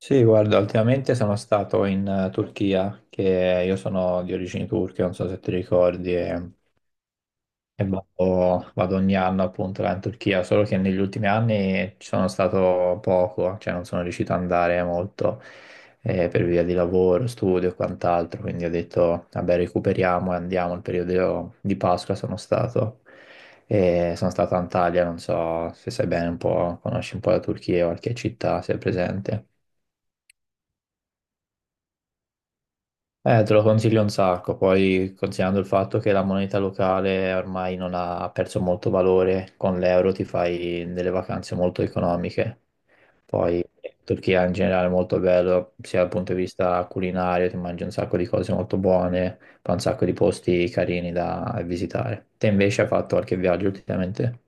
Sì, guarda, ultimamente sono stato in Turchia, che io sono di origini turche, non so se ti ricordi, e, e vado ogni anno appunto là in Turchia, solo che negli ultimi anni ci sono stato poco, cioè non sono riuscito ad andare molto per via di lavoro, studio e quant'altro, quindi ho detto, vabbè, recuperiamo e andiamo, il periodo di Pasqua sono stato. E sono stato a Antalya, non so se sai bene un po', conosci un po' la Turchia, qualche città, se è presente. Te lo consiglio un sacco, poi considerando il fatto che la moneta locale ormai non ha perso molto valore, con l'euro ti fai delle vacanze molto economiche. Poi Turchia in generale è molto bello, sia dal punto di vista culinario, ti mangi un sacco di cose molto buone, poi un sacco di posti carini da visitare. Te invece hai fatto qualche viaggio ultimamente?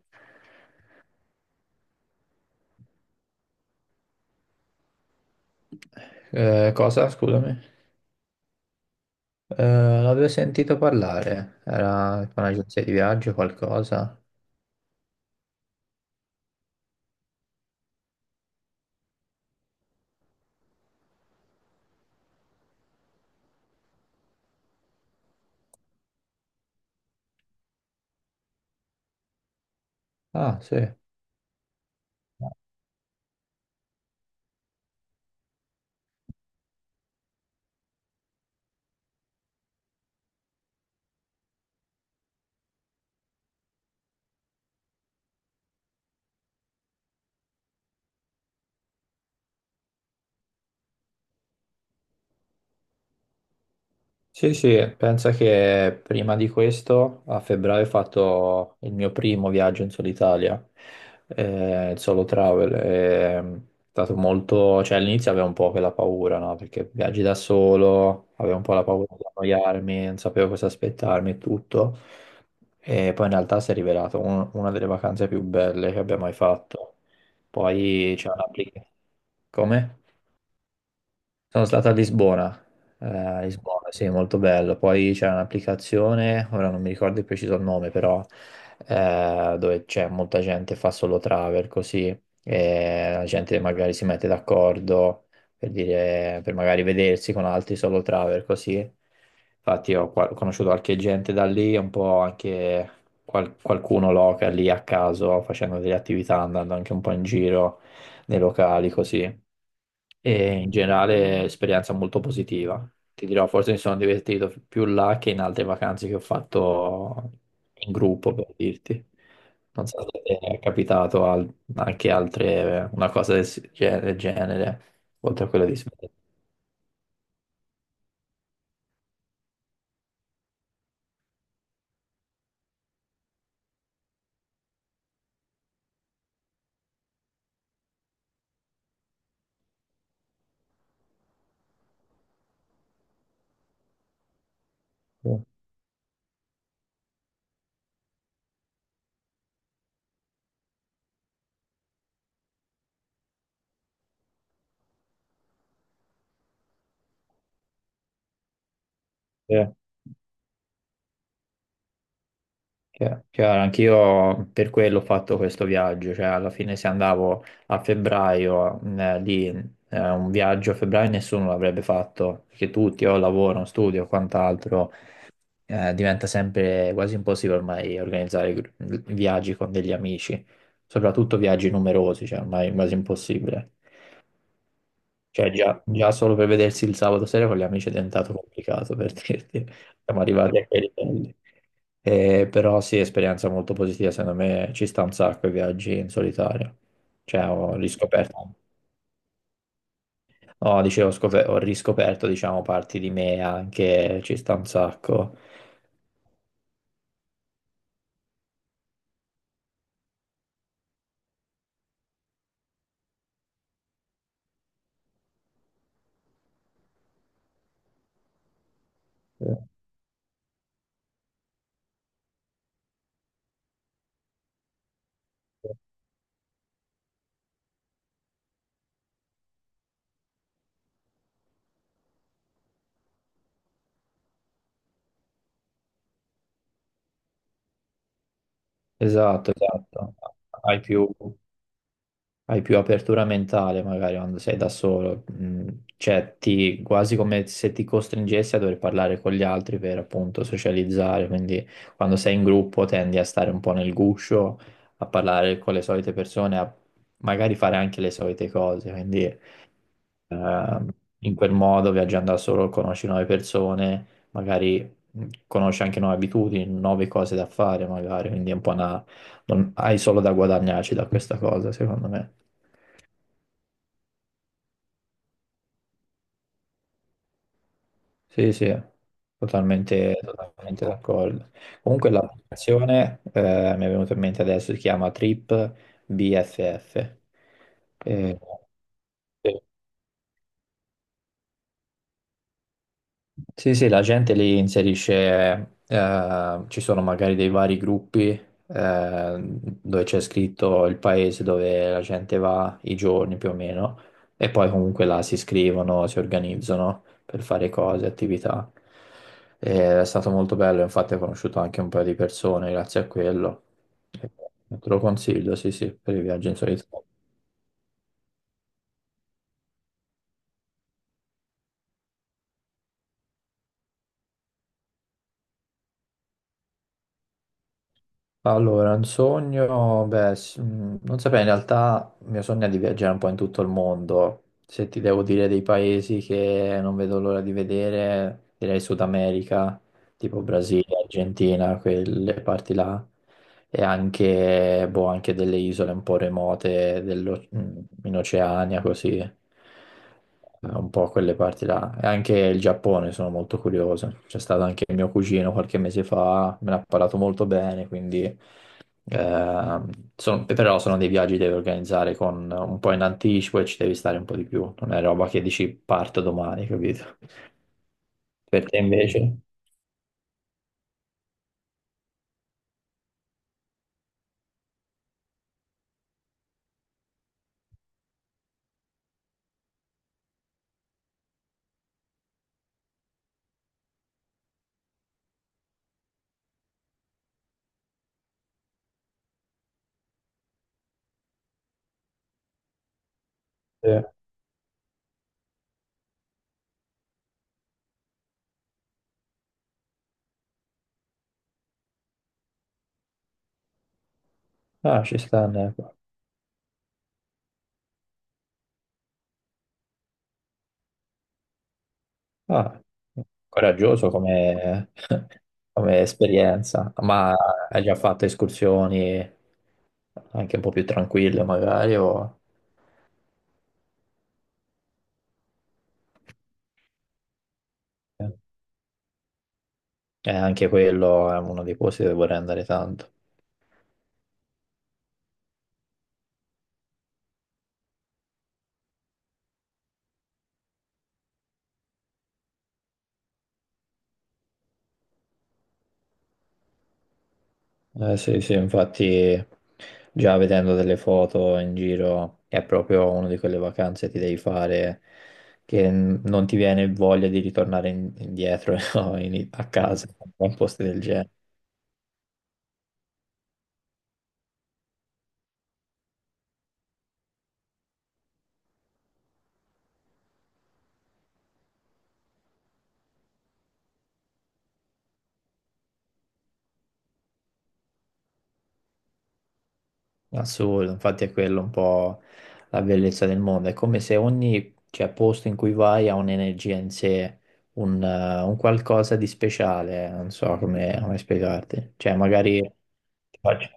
Cosa? Scusami. Eh, l'avevo sentito parlare, era con un'agenzia di viaggio o qualcosa? Ah, sì. Sì, sì, pensa che prima di questo, a febbraio, ho fatto il mio primo viaggio in solo Italia, il solo travel. È stato molto, cioè all'inizio avevo un po' quella paura, no? Perché viaggi da solo, avevo un po' la paura di annoiarmi, non sapevo cosa aspettarmi e tutto. E poi in realtà si è rivelato una delle vacanze più belle che abbia mai fatto. Poi c'è un'applicazione. Come? Sono stato a Lisbona, sì, molto bello. Poi c'è un'applicazione, ora non mi ricordo il preciso nome, però dove c'è molta gente che fa solo travel così, e la gente magari si mette d'accordo per dire, per magari vedersi con altri solo travel così. Infatti ho conosciuto qualche gente da lì, un po' anche qualcuno local lì a caso, facendo delle attività, andando anche un po' in giro nei locali così e in generale esperienza molto positiva. Ti dirò, forse mi sono divertito più là che in altre vacanze che ho fatto in gruppo, per dirti. Non so se ti è capitato anche altre, una cosa del, del genere, oltre a quella di Svezia. Sì. Chiaro, anch'io per quello ho fatto questo viaggio, cioè alla fine se andavo a febbraio lì, un viaggio a febbraio nessuno l'avrebbe fatto, perché tutti o lavoro, studio, quant'altro diventa sempre quasi impossibile ormai organizzare viaggi con degli amici, soprattutto viaggi numerosi, cioè ormai è quasi impossibile. Cioè già solo per vedersi il sabato sera con gli amici è diventato complicato per dirti, siamo arrivati a quei livelli. Però sì, esperienza molto positiva, secondo me ci sta un sacco i viaggi in solitario. Cioè ho riscoperto, no, dicevo, ho riscoperto diciamo parti di me anche, ci sta un sacco. Esatto, esatto. Hai più, hai più apertura mentale magari quando sei da solo, mm, cioè ti, quasi come se ti costringessi a dover parlare con gli altri per appunto socializzare, quindi quando sei in gruppo tendi a stare un po' nel guscio, a parlare con le solite persone, a magari fare anche le solite cose, quindi Ehm, in quel modo, viaggiando da solo, conosci nuove persone, magari conosci anche nuove abitudini, nuove cose da fare, magari, quindi è un po' una... non- hai solo da guadagnarci da questa cosa, secondo me. Sì, sì, totalmente, totalmente d'accordo. Comunque l'applicazione, mi è venuta in mente adesso, si chiama Trip BFF. Eh, sì. Sì, sì, la gente li inserisce, ci sono magari dei vari gruppi dove c'è scritto il paese dove la gente va, i giorni più o meno, e poi comunque là si iscrivono, si organizzano per fare cose, attività. E è stato molto bello, infatti ho conosciuto anche un paio di persone grazie a quello. E te lo consiglio, sì, sì, per i viaggi in solitario. Allora, un sogno, beh, non saprei, in realtà il mio sogno è di viaggiare un po' in tutto il mondo. Se ti devo dire dei paesi che non vedo l'ora di vedere, direi Sud America, tipo Brasile, Argentina, quelle parti là, e anche, boh, anche delle isole un po' remote in Oceania, così, un po' quelle parti là. E anche il Giappone sono molto curioso. C'è stato anche il mio cugino qualche mese fa, me ne ha parlato molto bene, quindi... ehm, sono- però sono dei viaggi che devi organizzare con un po' in anticipo e ci devi stare un po' di più. Non è roba che dici parto domani, capito? Per te invece? Sì. Ah, ci sta. Neco. Ah, coraggioso come, come esperienza, ma hai già fatto escursioni anche un po' più tranquille magari o... Eh, anche quello è uno dei posti dove vorrei andare tanto. Sì, sì, infatti già vedendo delle foto in giro è proprio una di quelle vacanze che ti devi fare che non ti viene voglia di ritornare indietro no, in- a casa a posti del genere. Assurdo, infatti è quello un po' la bellezza del mondo, è come se ogni, cioè, posto in cui vai ha un'energia in sé, un qualcosa di speciale, non so come, come spiegarti, cioè magari ti faccio,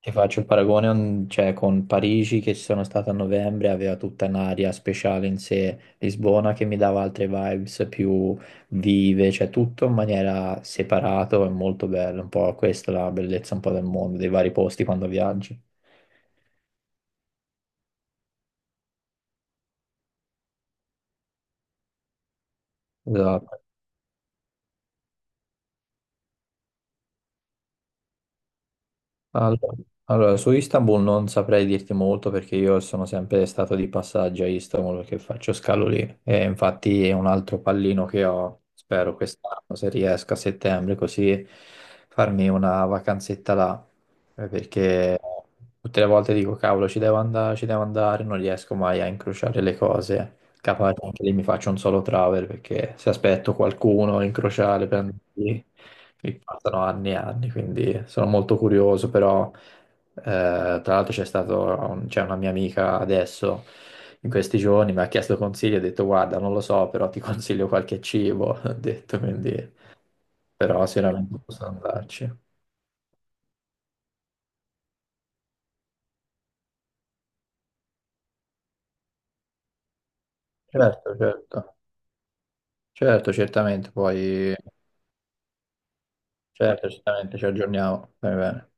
ti faccio il paragone un- cioè, con Parigi che ci sono stato a novembre, aveva tutta un'aria speciale in sé, Lisbona che mi dava altre vibes più vive, cioè tutto in maniera separato e molto bello, un po' questa è la bellezza un po' del mondo, dei vari posti quando viaggi. Esatto. All- Allora, su Istanbul non saprei dirti molto perché io sono sempre stato di passaggio a Istanbul perché faccio scalo lì e infatti è un altro pallino che ho, spero quest'anno, se riesco a settembre, così farmi una vacanzetta là. Perché tutte le volte dico cavolo ci devo andare, non riesco mai a incrociare le cose. Capace anche lì mi faccio un solo travel perché se aspetto qualcuno in crociale per andarci, mi passano anni e anni, quindi sono molto curioso, però tra l'altro c'è stato un- c'è una mia amica adesso in questi giorni, mi ha chiesto consigli, ho detto guarda non lo so, però ti consiglio qualche cibo, ho detto quindi però sicuramente posso andarci. Certo, certo, certo, certamente, poi certo, certamente ci aggiorniamo, va bene.